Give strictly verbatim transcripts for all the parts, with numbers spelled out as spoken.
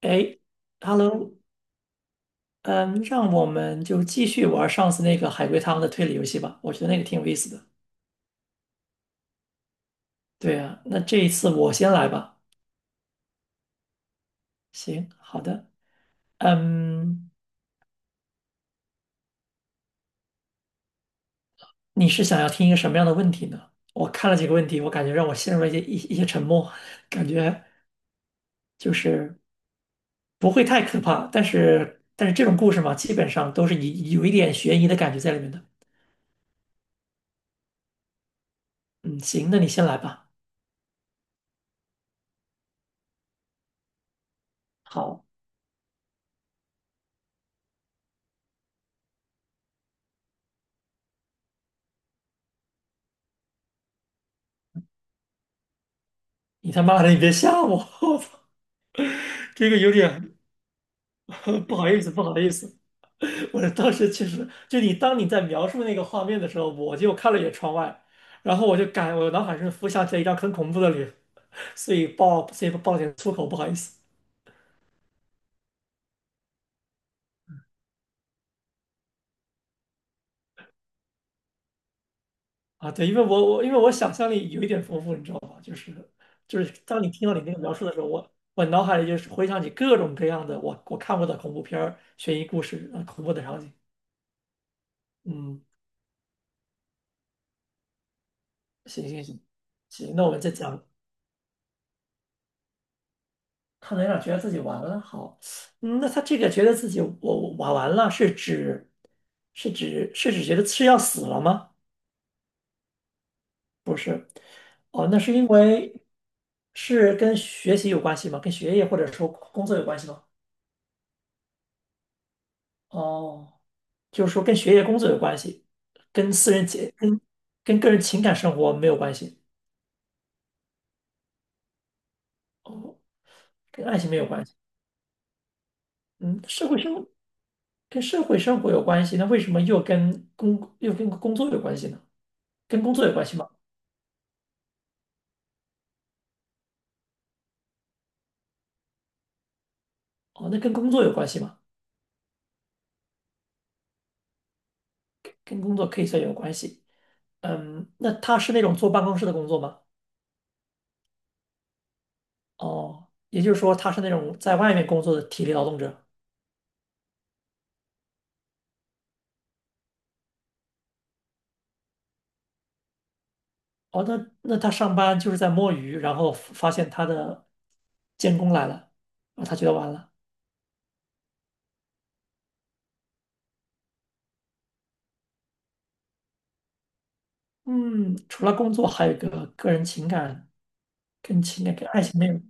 哎，Hello，嗯，让我们就继续玩上次那个海龟汤的推理游戏吧，我觉得那个挺有意思的。对啊，那这一次我先来吧。行，好的。嗯，你是想要听一个什么样的问题呢？我看了几个问题，我感觉让我陷入了一些一一些沉默，感觉就是不会太可怕，但是但是这种故事嘛，基本上都是有有一点悬疑的感觉在里面的。嗯，行，那你先来吧。好，你他妈的，你别吓我，这个有点。不好意思，不好意思，我当时其实就你当你在描述那个画面的时候，我就看了一眼窗外，然后我就感我脑海中浮想起了一张很恐怖的脸，所以爆所以爆了点粗口，不好意思啊。对，因为我我因为我想象力有一点丰富，你知道吧？就是就是当你听到你那个描述的时候，我我脑海里就是回想起各种各样的我我看过的恐怖片儿、悬疑故事啊、恐怖的场景。嗯，行行行行，那我们再讲。看到有点觉得自己完了，好，嗯那他这个觉得自己我我完完了，是指是指是指觉得是要死了吗？不是，哦，那是因为是跟学习有关系吗？跟学业或者说工作有关系吗？哦，就是说跟学业工作有关系，跟私人情跟跟个人情感生活没有关系，哦，跟爱情没有关系，嗯，社会生跟社会生活有关系，那为什么又跟工又跟工作有关系呢？跟工作有关系吗？哦，那跟工作有关系吗？跟工作可以算有关系。嗯，那他是那种坐办公室的工作吗？哦，也就是说他是那种在外面工作的体力劳动者。哦，那那他上班就是在摸鱼，然后发现他的监工来了，啊，他觉得完了。嗯，除了工作，还有一个个人情感，跟情感跟爱情没有。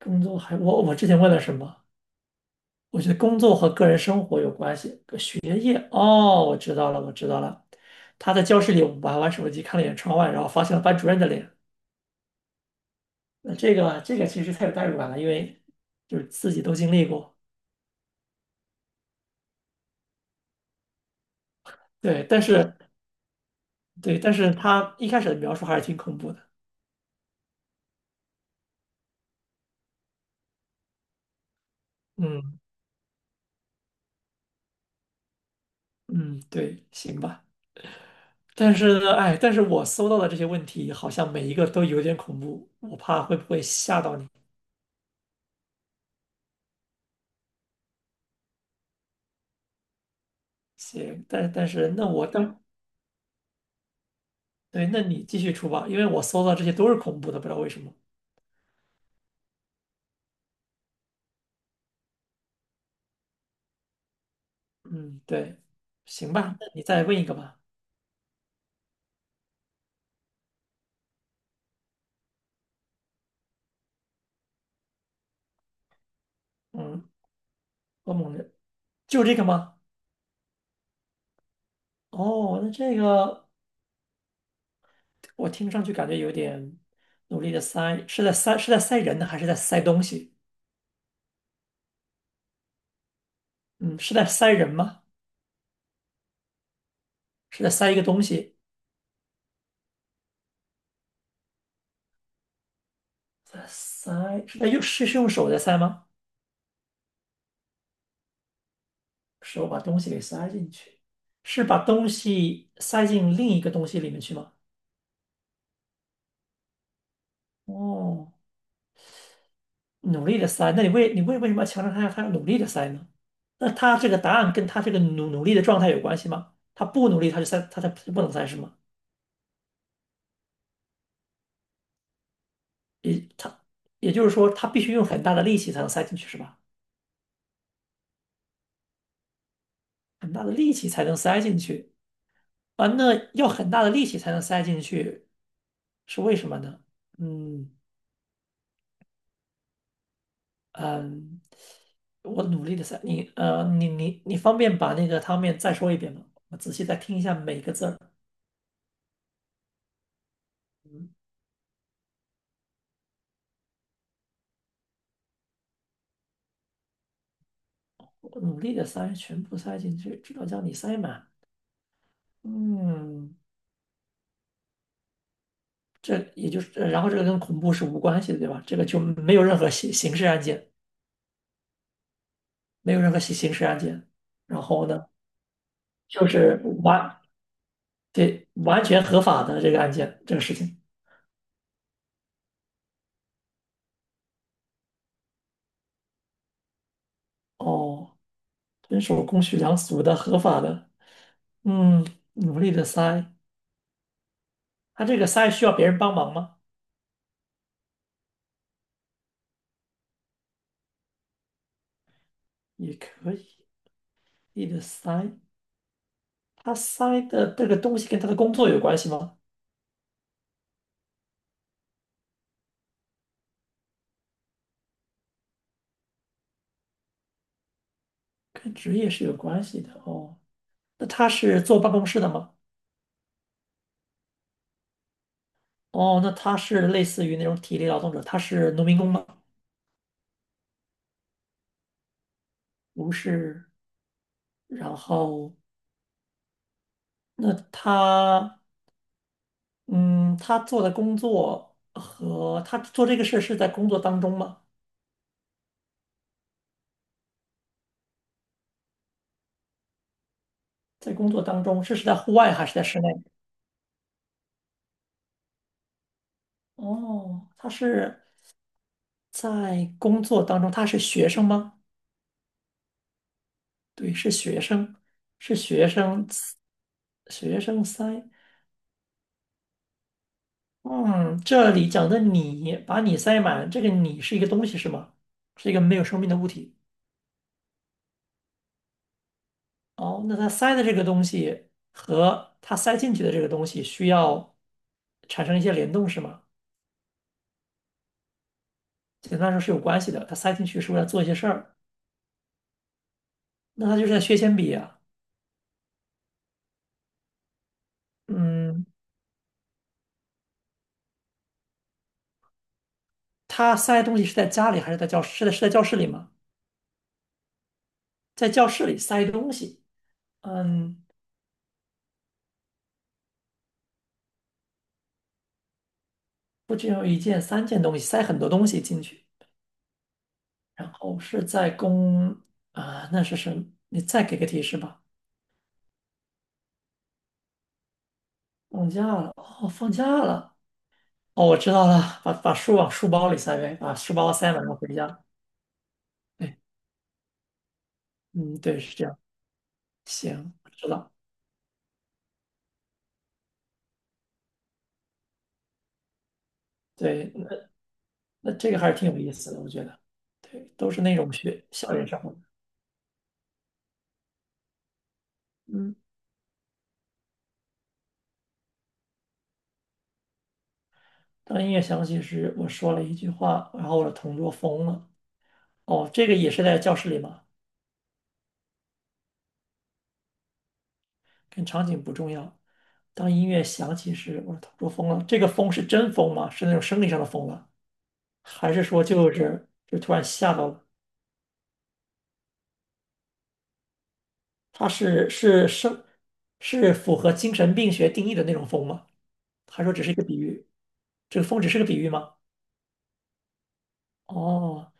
工作还我我之前问了什么？我觉得工作和个人生活有关系，跟学业。哦，我知道了，我知道了。他在教室里玩玩手机，看了一眼窗外，然后发现了班主任的脸。那这个这个其实太有代入感了，因为就是自己都经历过。对，但是对，但是他一开始的描述还是挺恐怖的。嗯嗯，对，行吧。但是呢，哎，但是我搜到的这些问题好像每一个都有点恐怖，我怕会不会吓到你。行，但但是那我当对，那你继续出吧，因为我搜到这些都是恐怖的，不知道为什么。嗯，对，行吧，那你再问一个吧。嗯。欧盟的，就这个吗？哦，那这个我听上去感觉有点努力的塞，是在塞是在塞人呢，还是在塞东西？嗯，是在塞人吗？是在塞一个东西？在塞是在用是是用手在塞吗？手把东西给塞进去，是把东西塞进另一个东西里面去吗？哦，努力的塞，那你为你为为什么要强调他要他要努力的塞呢？那他这个答案跟他这个努努力的状态有关系吗？他不努力，他就塞，他才不能塞是吗？也它也就是说，它必须用很大的力气才能塞进去，是吧？很大的力气才能塞进去啊，那要很大的力气才能塞进去，是为什么呢？嗯嗯，我努力的塞，你呃，你你你方便把那个汤面再说一遍吗？我仔细再听一下每个字儿。嗯，我努力的塞，全部塞进去，直到将你塞满。嗯，这也就是，呃然后这个跟恐怖是无关系的，对吧？这个就没有任何刑刑事案件，没有任何刑刑事案件。然后呢？就是完，对，完全合法的这个案件，这个事情。哦，遵守公序良俗的合法的，嗯，努力的塞。他这个塞需要别人帮忙吗？也可以，努力的塞。他塞的这个东西跟他的工作有关系吗？跟职业是有关系的哦。那他是坐办公室的吗？哦，那他是类似于那种体力劳动者，他是农民工吗？不是。然后，那他嗯，他做的工作和他做这个事是在工作当中吗？在工作当中，是是在户外还是在室内？哦，他是在工作当中，他是学生吗？对，是学生，是学生，学生塞。嗯，这里讲的你，把你塞满，这个你是一个东西是吗？是一个没有生命的物体。哦，那他塞的这个东西和他塞进去的这个东西需要产生一些联动是吗？简单来说是有关系的。他塞进去是为了做一些事儿，那他就是在削铅笔啊。嗯，他塞东西是在家里还是在教室？是在是在教室里吗？在教室里塞东西，嗯，不只有一件、三件东西，塞很多东西进去。然后是在公啊、那是什么？你再给个提示吧。放假了，哦，放假了，哦，我知道了，把把书往书包里塞呗，把书包塞满，然后回家。对，嗯，对，是这样。行，我知道。对，那这个还是挺有意思的，我觉得。对，都是那种学校园生活。嗯，当音乐响起时，我说了一句话，然后我的同桌疯了。哦，这个也是在教室里吗？跟场景不重要。当音乐响起时，我的同桌疯了。这个疯是真疯吗？是那种生理上的疯了，还是说就是就突然吓到了？他是是生是符合精神病学定义的那种疯吗？还说只是一个比喻？这个疯只是个比喻吗？哦，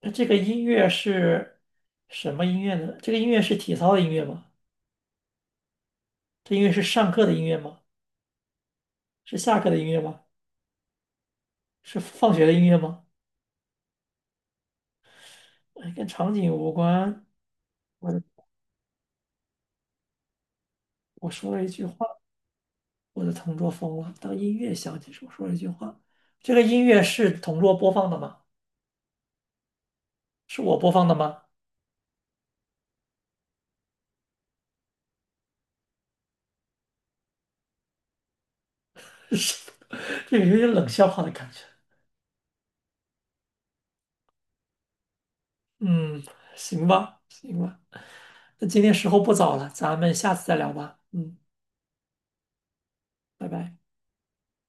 那这个音乐是什么音乐呢？这个音乐是体操的音乐吗？这音乐是上课的音乐吗？是下课的音乐吗？是放学的音乐吗？哎，跟场景无关。我的我说了一句话，我的同桌疯了。当音乐响起时，我说了一句话。这个音乐是同桌播放的吗？是我播放的吗？是，这个有点冷笑话的感觉。嗯，行吧，行吧。那今天时候不早了，咱们下次再聊吧。嗯，拜拜。